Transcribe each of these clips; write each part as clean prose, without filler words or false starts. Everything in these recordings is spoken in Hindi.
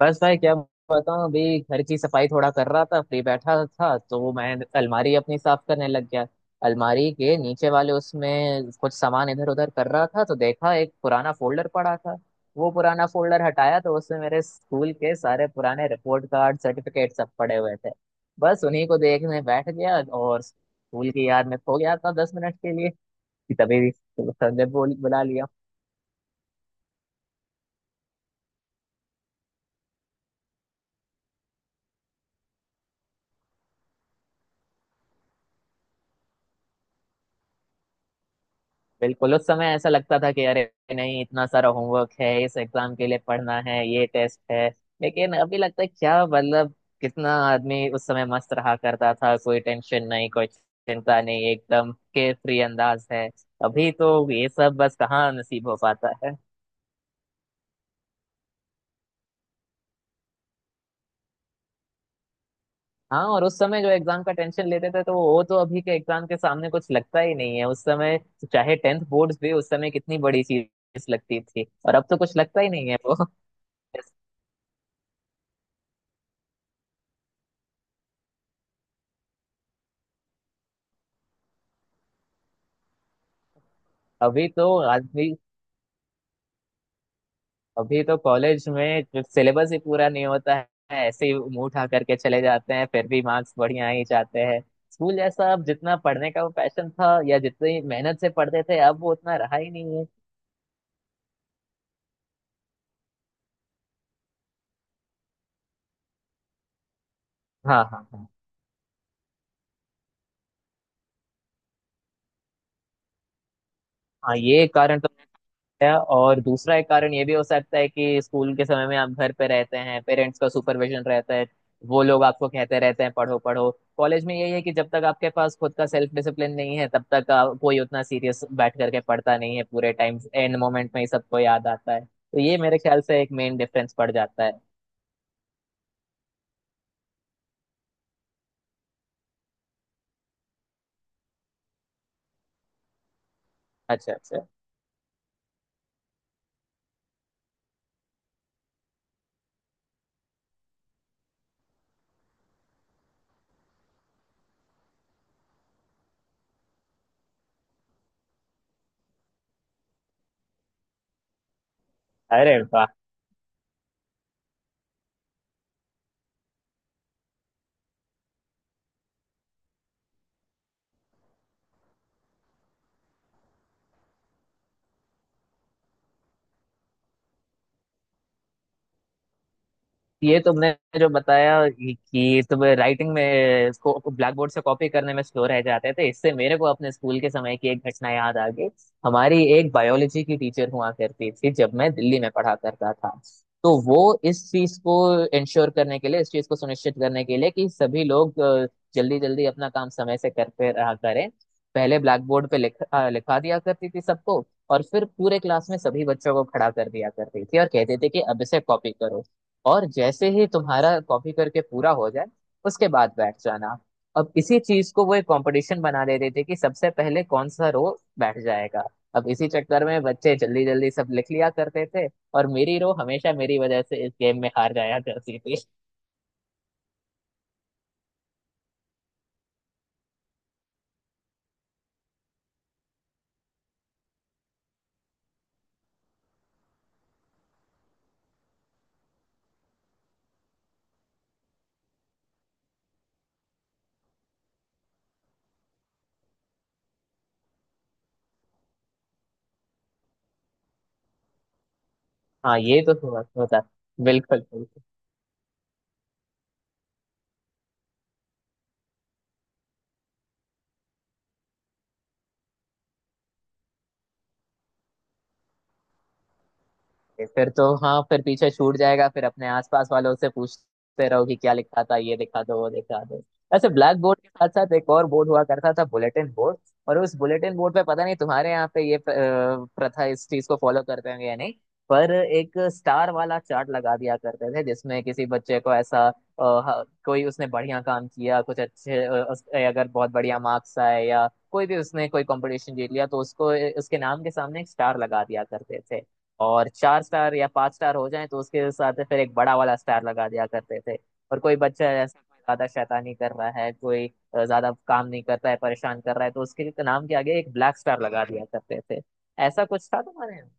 बस भाई क्या बताऊं। अभी घर की सफाई थोड़ा कर रहा था, फ्री बैठा था तो मैं अलमारी अपनी साफ करने लग गया। अलमारी के नीचे वाले उसमें कुछ सामान इधर उधर कर रहा था तो देखा एक पुराना फोल्डर पड़ा था। वो पुराना फोल्डर हटाया तो उसमें मेरे स्कूल के सारे पुराने रिपोर्ट कार्ड सर्टिफिकेट सब पड़े हुए थे। बस उन्हीं को देखने बैठ गया और स्कूल की याद में खो गया था 10 मिनट के लिए कि तभी सर ने बोल बुला लिया। बिल्कुल, उस समय ऐसा लगता था कि अरे नहीं, इतना सारा होमवर्क है, इस एग्जाम के लिए पढ़ना है, ये टेस्ट है। लेकिन अभी लगता है क्या मतलब, कितना आदमी उस समय मस्त रहा करता था, कोई टेंशन नहीं, कोई चिंता नहीं, एकदम केयर फ्री अंदाज है। अभी तो ये सब बस कहाँ नसीब हो पाता है। हाँ, और उस समय जो एग्जाम का टेंशन लेते थे तो वो तो अभी के एग्जाम के सामने कुछ लगता ही नहीं है उस समय। चाहे टेंथ बोर्ड्स भी उस समय कितनी बड़ी चीज लगती थी और अब तो कुछ लगता ही नहीं है वो अभी तो आदमी, अभी तो कॉलेज में सिलेबस ही पूरा नहीं होता है। ऐसे ही मुंह उठा करके चले जाते हैं, फिर भी मार्क्स बढ़िया ही जाते हैं। स्कूल जैसा अब जितना पढ़ने का वो पैशन था या जितनी मेहनत से पढ़ते थे, अब वो उतना रहा ही नहीं है। हाँ हाँ हाँ। हाँ, ये कारण तो है, और दूसरा एक कारण ये भी हो सकता है कि स्कूल के समय में आप घर पे रहते हैं, पेरेंट्स का सुपरविजन रहता है। वो लोग आपको कहते रहते हैं पढ़ो पढ़ो। कॉलेज में यही है कि जब तक आपके पास खुद का सेल्फ डिसिप्लिन नहीं है तब तक कोई उतना सीरियस बैठ करके पढ़ता नहीं है। पूरे टाइम एंड मोमेंट में ही सबको याद आता है, तो ये मेरे ख्याल से एक मेन डिफरेंस पड़ जाता है। अच्छा अच्छा। अरे वाह। ये तुमने जो बताया कि तुम राइटिंग में इसको ब्लैक बोर्ड से कॉपी करने में स्लो रह जाते थे, इससे मेरे को अपने स्कूल के समय की एक घटना याद आ गई। हमारी एक बायोलॉजी की टीचर हुआ करती थी जब मैं दिल्ली में पढ़ा करता था। तो वो इस चीज को इंश्योर करने के लिए, इस चीज को सुनिश्चित करने के लिए कि सभी लोग जल्दी जल्दी अपना काम समय से करते रहा करें, पहले ब्लैक बोर्ड पे लिखा लिखा दिया करती थी सबको, और फिर पूरे क्लास में सभी बच्चों को खड़ा कर दिया करती थी और कहते थे कि अब इसे कॉपी करो, और जैसे ही तुम्हारा कॉपी करके पूरा हो जाए उसके बाद बैठ जाना। अब इसी चीज को वो एक कंपटीशन बना देते थे कि सबसे पहले कौन सा रो बैठ जाएगा। अब इसी चक्कर में बच्चे जल्दी जल्दी सब लिख लिया करते थे, और मेरी रो हमेशा मेरी वजह से इस गेम में हार जाया करती थी। हाँ, ये तो हुआ होता। बिल्कुल बिल्कुल। ये फिर तो, हाँ, फिर पीछे छूट जाएगा, फिर अपने आसपास वालों से पूछते रहो कि क्या लिखा था, ये दिखा दो वो दिखा दो। ऐसे ब्लैक बोर्ड के साथ साथ एक और बोर्ड हुआ करता था, बुलेटिन बोर्ड। और उस बुलेटिन बोर्ड पे, पता नहीं तुम्हारे यहाँ पे ये प्रथा इस चीज को फॉलो करते होंगे या नहीं, पर एक स्टार वाला चार्ट लगा दिया करते थे जिसमें किसी बच्चे को ऐसा कोई उसने बढ़िया काम किया, कुछ अच्छे अगर बहुत बढ़िया मार्क्स आए या कोई भी उसने कोई कंपटीशन जीत लिया तो उसको उसके नाम के सामने एक स्टार लगा दिया करते थे। और चार स्टार या पांच स्टार हो जाए तो उसके साथ फिर एक बड़ा वाला स्टार लगा दिया करते थे। और कोई बच्चा ऐसा कोई ज्यादा शैतानी कर रहा है, कोई ज्यादा काम नहीं करता है, परेशान कर रहा है, तो उसके नाम के आगे एक ब्लैक स्टार लगा दिया करते थे। ऐसा कुछ था तुम्हारे यहाँ?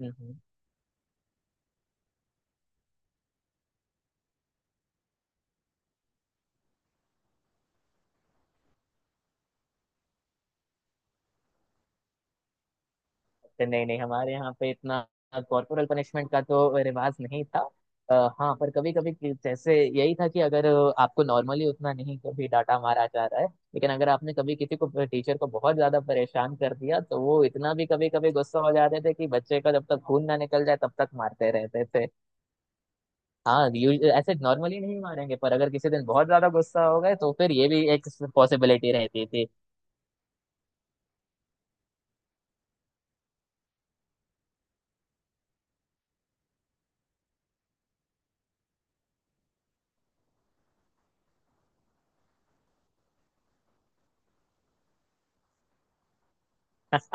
हम्म नहीं नहीं, हमारे यहाँ पे इतना कॉर्पोरल पनिशमेंट का तो रिवाज नहीं था। हाँ, पर कभी कभी जैसे यही था कि अगर आपको नॉर्मली उतना नहीं कभी डांटा मारा जा रहा है, लेकिन अगर आपने कभी किसी को, टीचर को बहुत ज्यादा परेशान कर दिया तो वो इतना भी कभी कभी गुस्सा हो जाते थे कि बच्चे का जब तक खून ना निकल जाए तब तक मारते रहते थे। हाँ, ऐसे नॉर्मली नहीं मारेंगे, पर अगर किसी दिन बहुत ज्यादा गुस्सा हो गए तो फिर ये भी एक पॉसिबिलिटी रहती थी।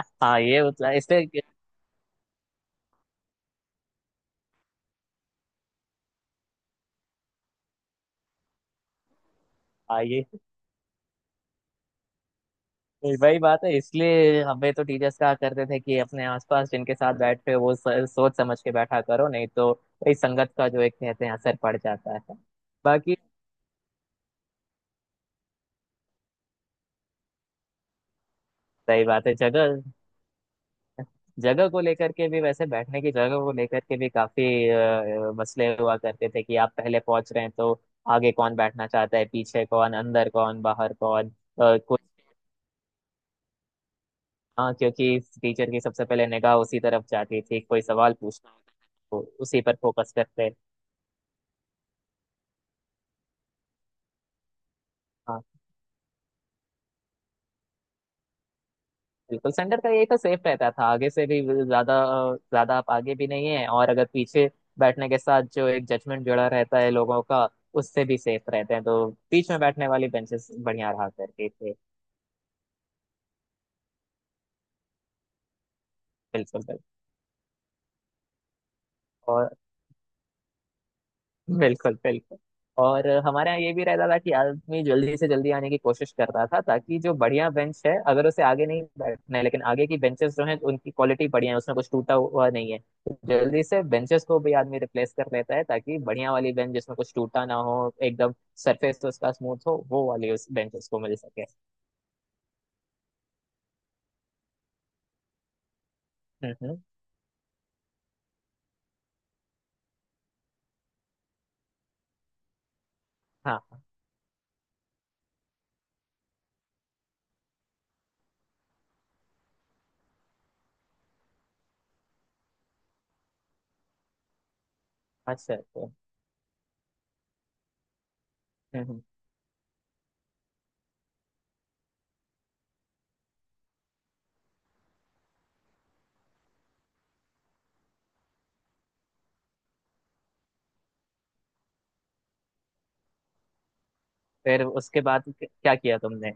इससे, हाँ, ये वही वही बात है। इसलिए हमें तो टीचर्स कहा करते थे कि अपने आसपास जिनके साथ बैठते हो वो सोच समझ के बैठा करो नहीं तो वही संगत का जो एक कहते हैं असर पड़ जाता है। बाकी सही बात है। जगह, जगह को लेकर के भी, वैसे बैठने की जगह को लेकर के भी काफी मसले हुआ करते थे कि आप पहले पहुंच रहे हैं तो आगे कौन बैठना चाहता है, पीछे कौन, अंदर कौन, बाहर कौन, अ, कोई हाँ, क्योंकि टीचर की सबसे पहले निगाह उसी तरफ जाती थी, कोई सवाल पूछना होता था, तो उसी पर फोकस करते। हाँ, बिल्कुल, सेंटर का यही तो सेफ रहता था। आगे से भी ज्यादा ज्यादा आप आगे भी नहीं है, और अगर पीछे बैठने के साथ जो एक जजमेंट जुड़ा रहता है लोगों का, उससे भी सेफ रहते हैं, तो बीच में बैठने वाली बेंचेस बढ़िया रहा करती थी। बिल्कुल, बिल्कुल बिल्कुल बिल्कुल। और हमारे यहाँ ये भी रहता था कि आदमी जल्दी से जल्दी आने की कोशिश करता था ताकि जो बढ़िया बेंच है, अगर उसे आगे नहीं बैठना है लेकिन आगे की बेंचेस जो हैं उनकी क्वालिटी बढ़िया है, उसमें कुछ टूटा हुआ नहीं है, तो जल्दी से बेंचेस को भी आदमी रिप्लेस कर लेता है ताकि बढ़िया वाली बेंच जिसमें कुछ टूटा ना हो एकदम, सरफेस तो उसका स्मूथ हो, वो वाली उस बेंचेस को मिल सके। हम्म। हाँ। अच्छा। तो हम्म हम्म। फिर उसके बाद क्या किया तुमने?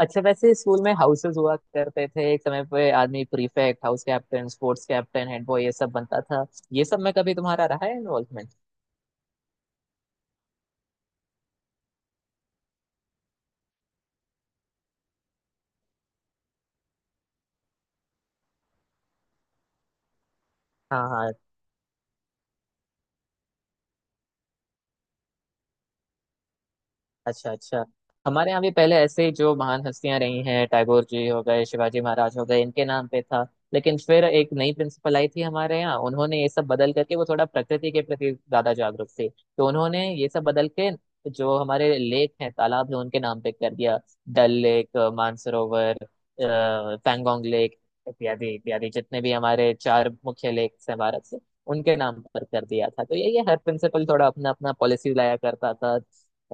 अच्छा, वैसे स्कूल में हाउसेस हुआ करते थे। एक समय पे आदमी prefect, house captain, sports captain, head boy, ये सब बनता था। ये सब में कभी तुम्हारा रहा है इन्वॉल्वमेंट? हाँ हाँ। अच्छा अच्छा। हमारे यहाँ भी पहले ऐसे ही जो महान हस्तियां रही हैं, टैगोर जी हो गए, शिवाजी महाराज हो गए, इनके नाम पे था। लेकिन फिर एक नई प्रिंसिपल आई थी हमारे यहाँ, उन्होंने ये सब बदल करके, वो थोड़ा प्रकृति के प्रति ज्यादा जागरूक थी तो उन्होंने ये सब बदल के जो हमारे लेक हैं, तालाब है, उनके नाम पे कर दिया। डल लेक, मानसरोवर, पैंगोंग लेक, इत्यादि इत्यादि, जितने भी हमारे चार मुख्य लेक हैं भारत से, उनके नाम पर कर दिया था। तो यही है, हर प्रिंसिपल थोड़ा अपना अपना पॉलिसी लाया करता था,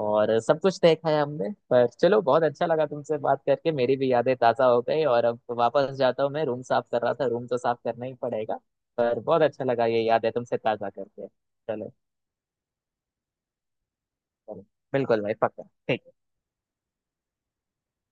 और सब कुछ देखा है हमने। पर चलो, बहुत अच्छा लगा तुमसे बात करके, मेरी भी यादें ताज़ा हो गई, और अब वापस जाता हूँ, मैं रूम साफ कर रहा था, रूम तो साफ करना ही पड़ेगा। पर बहुत अच्छा लगा ये यादें तुमसे ताज़ा करके, चलो। चलो, बिल्कुल भाई, पक्का, ठीक।